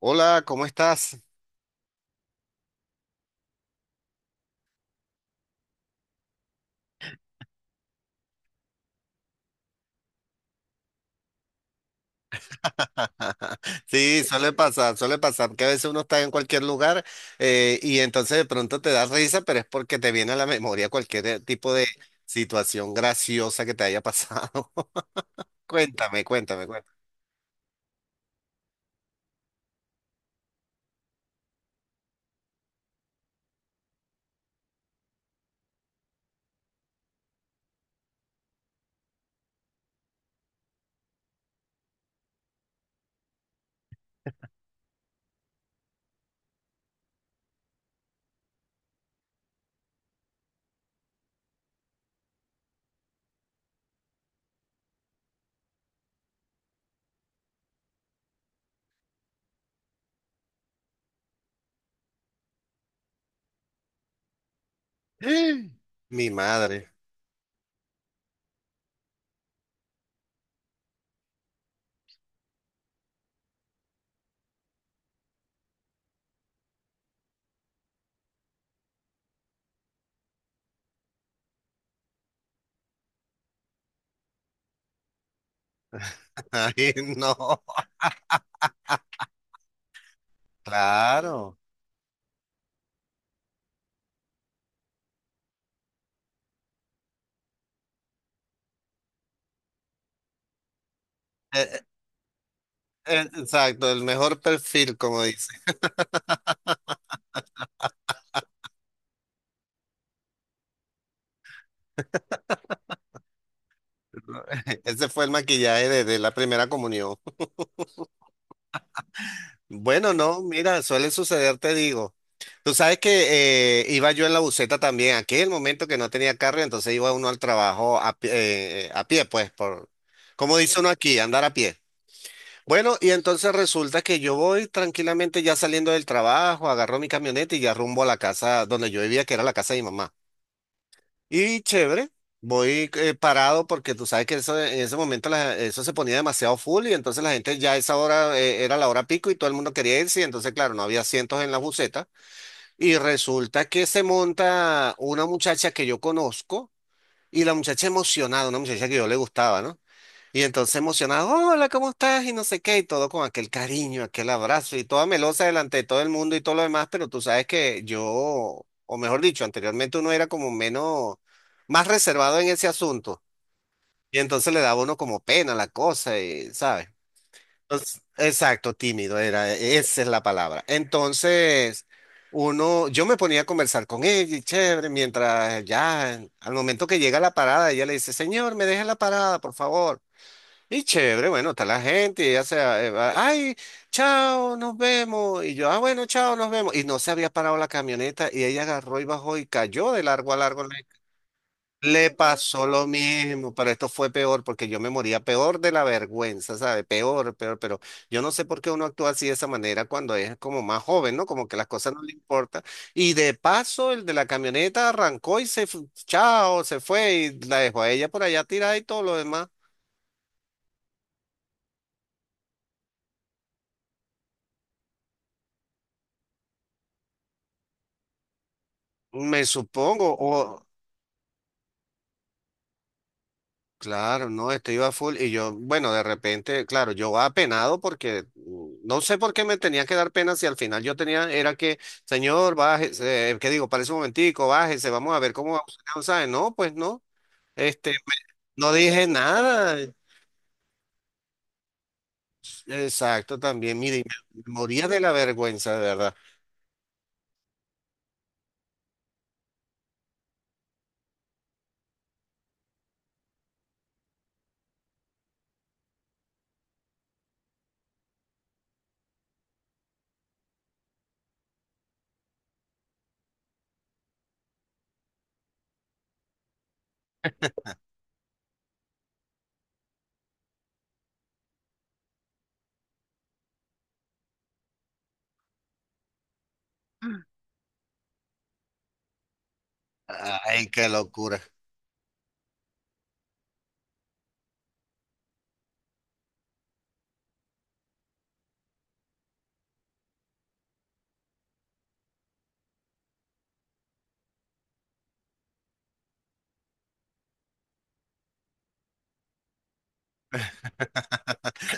Hola, ¿cómo estás? Sí, suele pasar que a veces uno está en cualquier lugar y entonces de pronto te da risa, pero es porque te viene a la memoria cualquier tipo de situación graciosa que te haya pasado. Cuéntame, cuéntame, cuéntame. Mi madre. Ay, no. Claro. Eh, Exacto, el mejor perfil, como dice. Ese fue el maquillaje de la primera comunión. Bueno, no, mira, suele suceder, te digo. Tú sabes que iba yo en la buseta también, aquel momento que no tenía carro, entonces iba uno al trabajo a, a pie, pues, por, como dice uno aquí, andar a pie. Bueno, y entonces resulta que yo voy tranquilamente ya saliendo del trabajo, agarro mi camioneta y ya rumbo a la casa donde yo vivía, que era la casa de mi mamá. Y chévere, voy parado porque tú sabes que eso, en ese momento la- eso se ponía demasiado full y entonces la gente ya a esa hora era la hora pico y todo el mundo quería irse y entonces claro, no había asientos en la buseta y resulta que se monta una muchacha que yo conozco y la muchacha emocionada, una muchacha que yo le gustaba, ¿no? Y entonces emocionado, hola, ¿cómo estás? Y no sé qué, y todo con aquel cariño, aquel abrazo, y toda melosa delante de todo el mundo y todo lo demás, pero tú sabes que yo, o mejor dicho, anteriormente uno era como menos, más reservado en ese asunto, y entonces le daba a uno como pena la cosa, y, ¿sabes? Entonces, exacto, tímido era, e-, esa es la palabra. Entonces, uno, yo me ponía a conversar con ella, y chévere, mientras ya, al momento que llega a la parada, ella le dice, señor, me deja en la parada, por favor. Y chévere, bueno, está la gente, y ya sea, va, ay, chao, nos vemos. Y yo, ah, bueno, chao, nos vemos. Y no se había parado la camioneta y ella agarró y bajó y cayó de largo a largo. Le pasó lo mismo, pero esto fue peor porque yo me moría peor de la vergüenza, ¿sabe? Peor, peor, pero yo no sé por qué uno actúa así de esa manera cuando es como más joven, ¿no? Como que las cosas no le importan. Y de paso, el de la camioneta arrancó y se, fu- chao, se fue y la dejó a ella por allá tirada y todo lo demás. Me supongo, o Claro, no, este iba full y yo, bueno, de repente, claro, yo va apenado porque no sé por qué me tenía que dar pena si al final yo tenía, era que, señor, bájese, ¿qué digo? Parece un momentico, bájese, vamos a ver cómo va usted", o sea, No, pues no, este, me- no dije nada, exacto, también, mire, me moría de la vergüenza, de verdad. Ay, qué locura.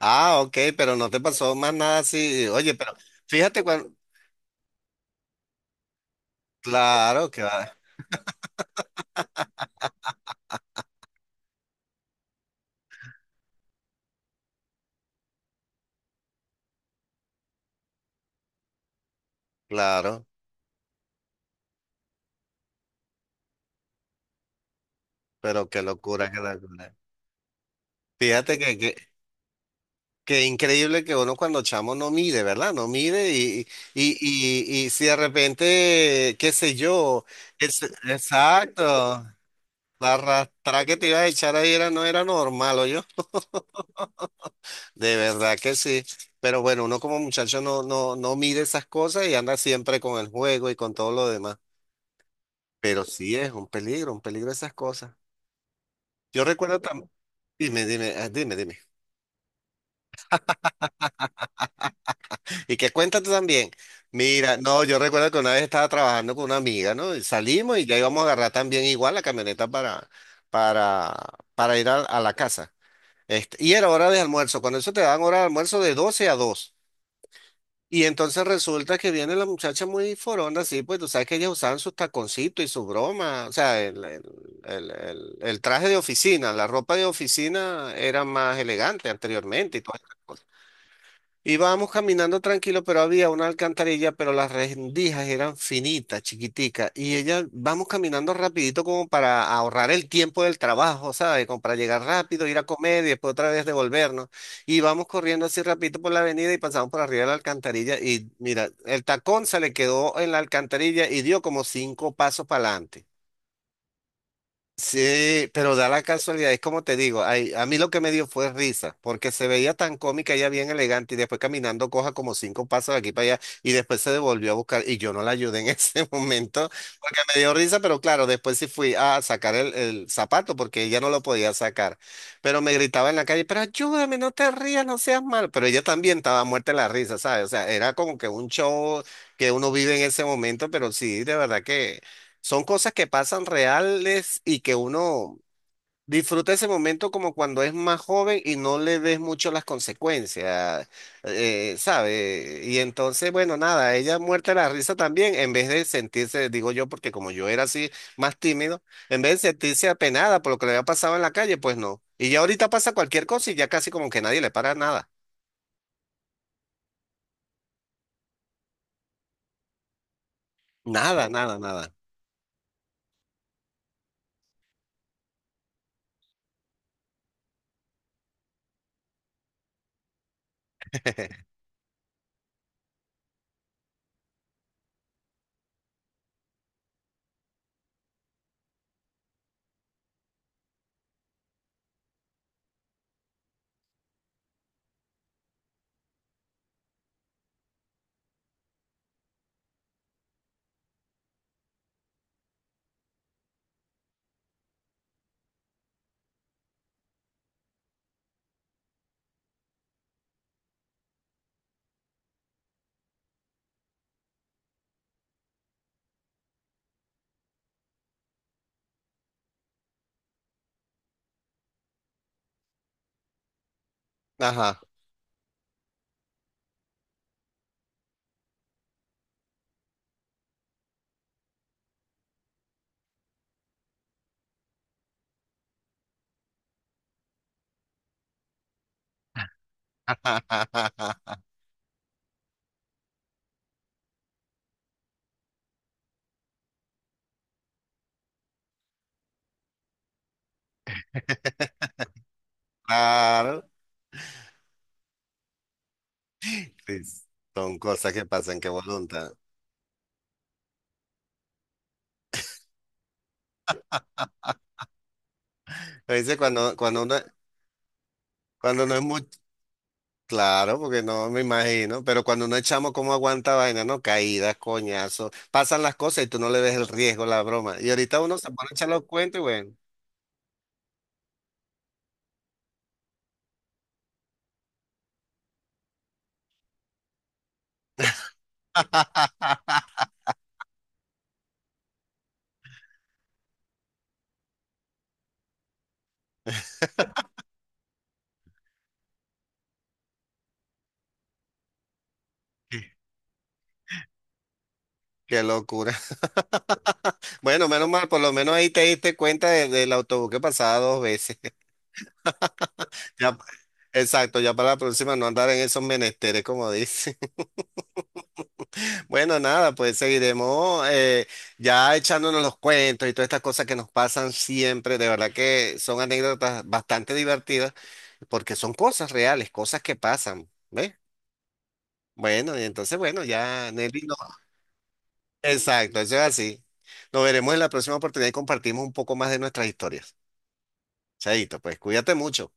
Ah, ok, pero no te pasó más nada así, oye, pero fíjate cuando, claro que va, claro, pero qué locura, qué locura. Fíjate que increíble que uno cuando chamo no mire, ¿verdad? No mire y si de repente, qué sé yo, es- exacto, la arrastrada que te iba a echar ahí era, no era normal, yo De verdad que sí. Pero bueno, uno como muchacho no, no, no mide esas cosas y anda siempre con el juego y con todo lo demás. Pero sí es un peligro esas cosas. Yo recuerdo también, dime, dime, ah, dime, dime. Y que cuenta tú también. Mira, no, yo recuerdo que una vez estaba trabajando con una amiga, ¿no? Y salimos y ya íbamos a agarrar también igual la camioneta para, para ir a la casa. Este, y era hora de almuerzo. Cuando eso te dan hora de almuerzo de 12 a 2. Y entonces resulta que viene la muchacha muy forona, así, pues tú sabes que ellas usaban sus taconcitos y su broma. O sea, el traje de oficina, la ropa de oficina era más elegante anteriormente y todo. Íbamos caminando tranquilo, pero había una alcantarilla, pero las rendijas eran finitas, chiquiticas. Y ella, vamos caminando rapidito como para ahorrar el tiempo del trabajo, ¿sabes? Como para llegar rápido, ir a comer y después otra vez devolvernos. Y vamos corriendo así rapidito por la avenida y pasamos por arriba de la alcantarilla. Y mira, el tacón se le quedó en la alcantarilla y dio como cinco pasos para adelante. Sí, pero da la casualidad, es como te digo, ay, a mí lo que me dio fue risa, porque se veía tan cómica, ella bien elegante, y después caminando coja como cinco pasos de aquí para allá, y después se devolvió a buscar, y yo no la ayudé en ese momento, porque me dio risa, pero claro, después sí fui a sacar el zapato, porque ella no lo podía sacar, pero me gritaba en la calle, pero ayúdame, no te rías, no seas mal, pero ella también estaba muerta de la risa, ¿sabes? O sea, era como que un show que uno vive en ese momento, pero sí, de verdad que... Son cosas que pasan reales y que uno disfruta ese momento como cuando es más joven y no le ves mucho las consecuencias, ¿sabe? Y entonces, bueno, nada, ella muerta de la risa también, en vez de sentirse, digo yo, porque como yo era así más tímido, en vez de sentirse apenada por lo que le había pasado en la calle, pues no. Y ya ahorita pasa cualquier cosa y ya casi como que nadie le para nada. Nada, nada, nada. Ajá. Claro. Sí, Son cosas que pasan, qué voluntad. A veces cuando, cuando uno, cuando no es muy claro, porque no me imagino, pero cuando uno es chamo, ¿cómo aguanta vaina? No, caídas, coñazos, pasan las cosas y tú no le ves el riesgo, la broma. Y ahorita uno se pone a echar los cuentos y bueno. Qué locura. Bueno, menos mal, por lo menos ahí te diste cuenta de- del autobús que pasaba dos veces. Ya, exacto, ya para la próxima no andar en esos menesteres, como dice. Bueno, nada, pues seguiremos ya echándonos los cuentos y todas estas cosas que nos pasan siempre. De verdad que son anécdotas bastante divertidas porque son cosas reales, cosas que pasan, ¿ves? Bueno, y entonces, bueno, ya Nelly, no. Exacto, eso es así. Nos veremos en la próxima oportunidad y compartimos un poco más de nuestras historias. Chaito, pues cuídate mucho.